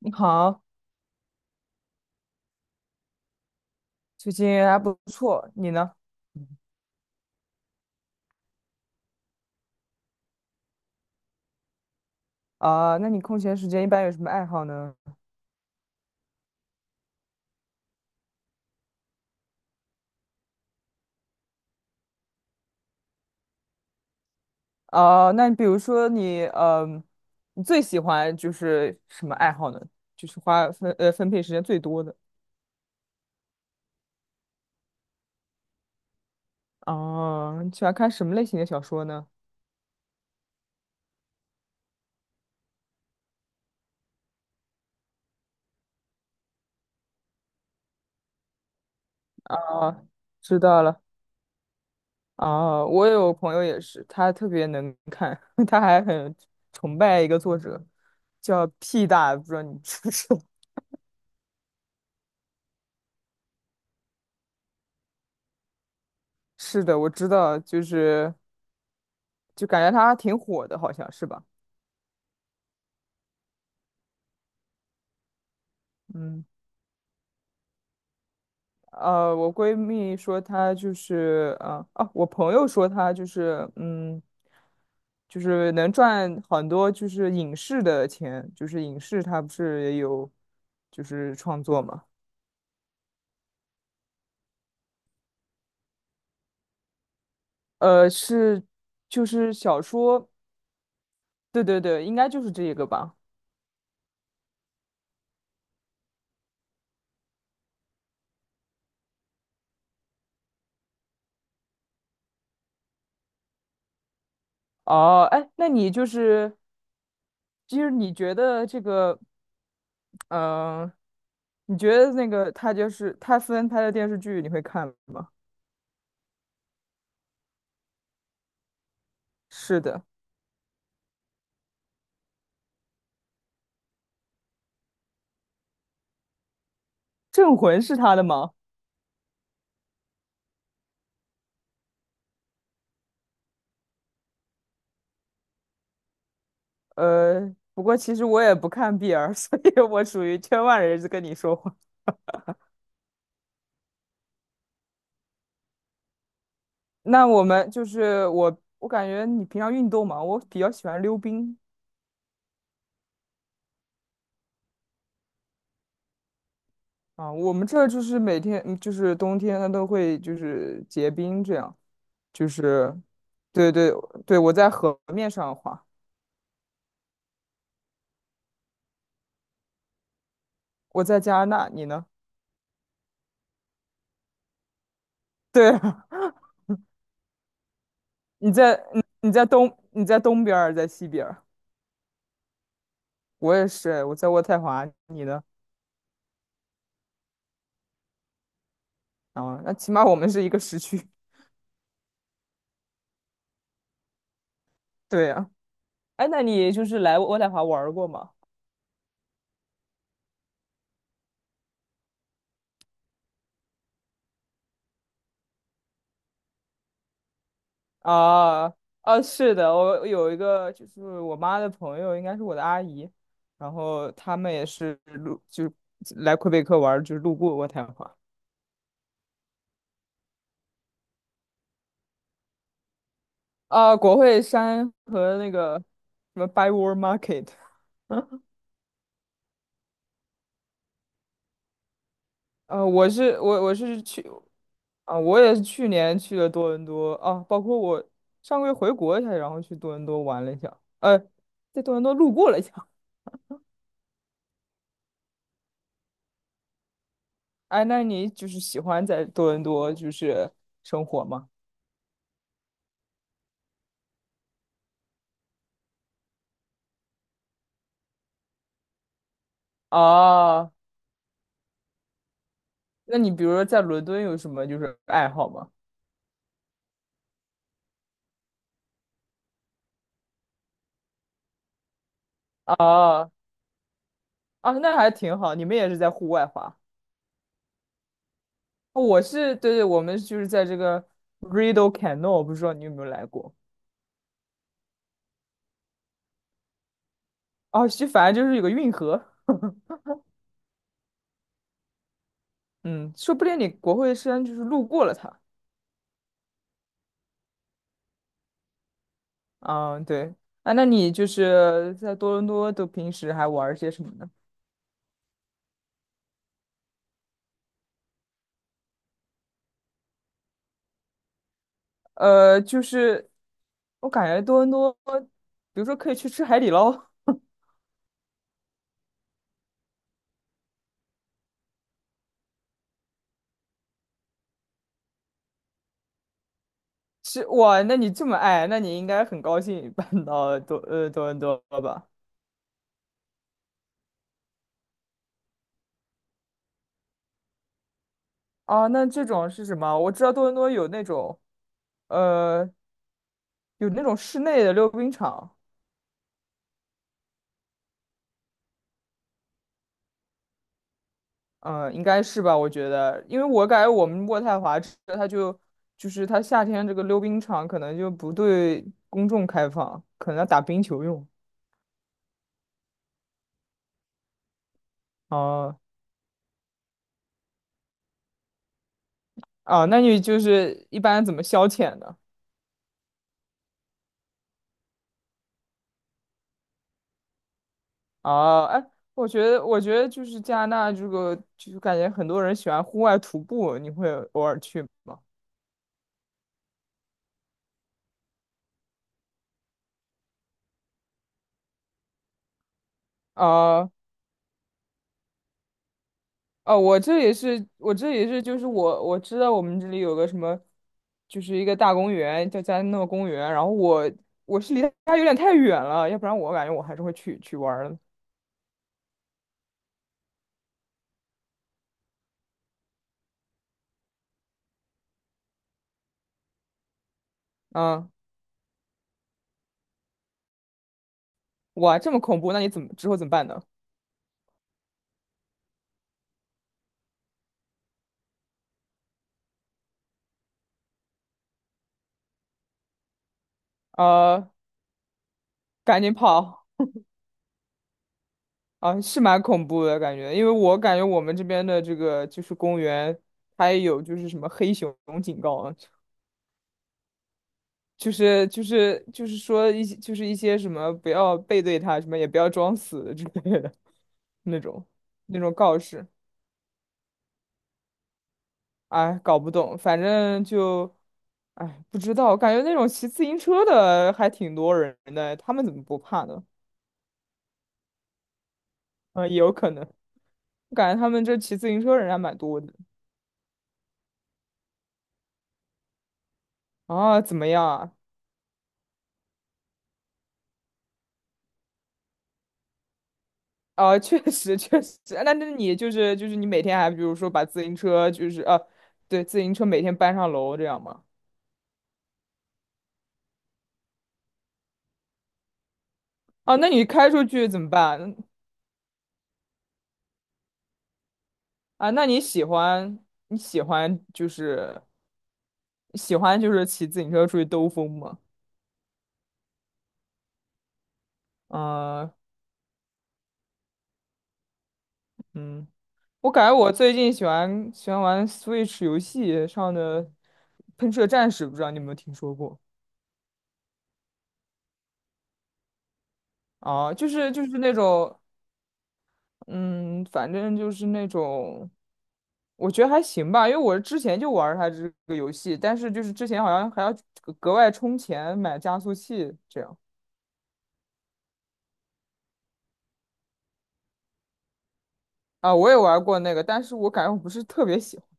你好，最近还不错，你呢？啊、那你空闲时间一般有什么爱好呢？啊、那比如说你，你最喜欢就是什么爱好呢？就是花分配时间最多的。哦、你喜欢看什么类型的小说呢？啊，知道了。啊，我有朋友也是，他特别能看，他还很崇拜一个作者，叫屁大，不知道你知不知道？是的，我知道，就是感觉她挺火的，好像是吧？嗯，我朋友说他就是，就是能赚很多，就是影视的钱，就是影视他不是也有，就是创作嘛，是就是小说，对对对，应该就是这个吧。哦，哎，那你就是，就是你觉得这个，嗯、你觉得那个他就是他分拍的电视剧，你会看吗？是的，《镇魂》是他的吗？不过其实我也不看 BL，所以我属于圈外人士跟你说话。那我们就是我感觉你平常运动嘛，我比较喜欢溜冰啊。我们这儿就是每天就是冬天，它都会就是结冰这样，就是对对对，我在河面上滑，我在加拿大，你呢？对啊，你在东边儿，在西边儿，我也是，我在渥太华，你呢？啊，那起码我们是一个时区。对呀、哎，那你就是来渥太华玩儿过吗？啊啊，是的，我有一个就是我妈的朋友，应该是我的阿姨，然后他们也是路就是来魁北克玩儿就是路过渥太华啊，国会山和那个什么 Byward Market。我是去啊，我也是去年去了多伦多啊，包括我上个月回国一下，然后去多伦多玩了一下，在多伦多路过了一下。哎，那你就是喜欢在多伦多就是生活吗？啊，那你比如说在伦敦有什么就是爱好吗？啊啊，那还挺好，你们也是在户外滑。我是对对，我们就是在这个 Rideau Canal，不知道你有没有来过？啊，就反正就是有个运河。嗯，说不定你国会山就是路过了它。啊，对啊，那你就是在多伦多都平时还玩儿些什么呢？就是我感觉多伦多，比如说可以去吃海底捞，吃哇，那你这么爱，那你应该很高兴搬到多伦多吧？啊，那这种是什么？我知道多伦多有那种，呃，有那种室内的溜冰场。应该是吧？我觉得，因为我感觉我们渥太华这它就是它夏天这个溜冰场可能就不对公众开放，可能要打冰球用。哦、啊，那你就是一般怎么消遣呢？啊，哎，我觉得就是加拿大这个，就是感觉很多人喜欢户外徒步，你会偶尔去吗？啊、哦，我这也是，我这也是，就是我知道我们这里有个什么，就是一个大公园，叫加诺公园。然后我是离它有点太远了，要不然我感觉我还是会去去玩儿的。嗯，哇，这么恐怖，那你怎么之后怎么办呢？呃，赶紧跑啊，是蛮恐怖的感觉，因为我感觉我们这边的这个就是公园，它也有就是什么黑熊警告啊。就是说一些什么不要背对他，什么也不要装死之类的那种那种告示，哎，搞不懂，反正就，哎，不知道，感觉那种骑自行车的还挺多人的，他们怎么不怕呢？嗯，也有可能，我感觉他们这骑自行车人还蛮多的。啊，怎么样啊？啊，确实确实，那你就是你每天还比如说把自行车就是啊对，自行车每天搬上楼这样吗？啊，那你开出去怎么办？啊，那你喜欢就是骑自行车出去兜风吗？啊，嗯，我感觉我最近喜欢玩 Switch 游戏上的《喷射战士》，不知道你有没有听说过？啊，就是那种，嗯，反正就是那种，我觉得还行吧，因为我之前就玩儿它这个游戏，但是就是之前好像还要格外充钱买加速器这样。啊，我也玩过那个，但是我感觉我不是特别喜欢。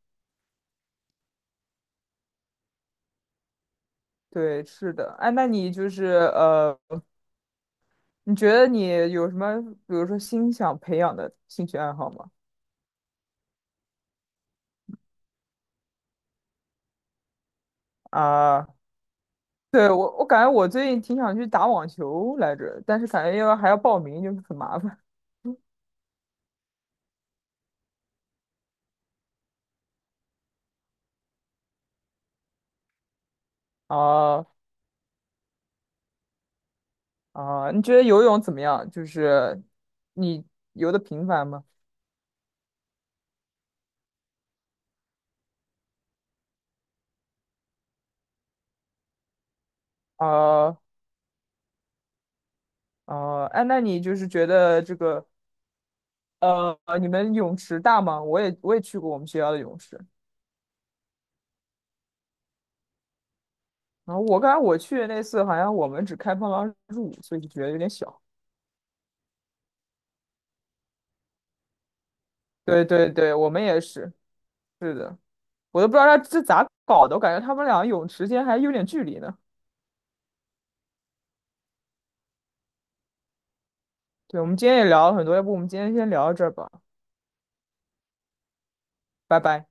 对，是的。哎，那你就是呃，你觉得你有什么，比如说新想培养的兴趣爱好吗？啊，对，我感觉我最近挺想去打网球来着，但是感觉还要报名，就是很麻烦。啊啊，你觉得游泳怎么样？就是你游的频繁吗？啊啊，哎，那你就是觉得这个你们泳池大吗？我也去过我们学校的泳池。然后我刚才我去的那次好像我们只开放了25岁，就觉得有点小。对对对，我们也是，是的，我都不知道他这咋搞的，我感觉他们俩泳池间还有点距离呢。对，我们今天也聊了很多，要不我们今天先聊到这儿吧，拜拜。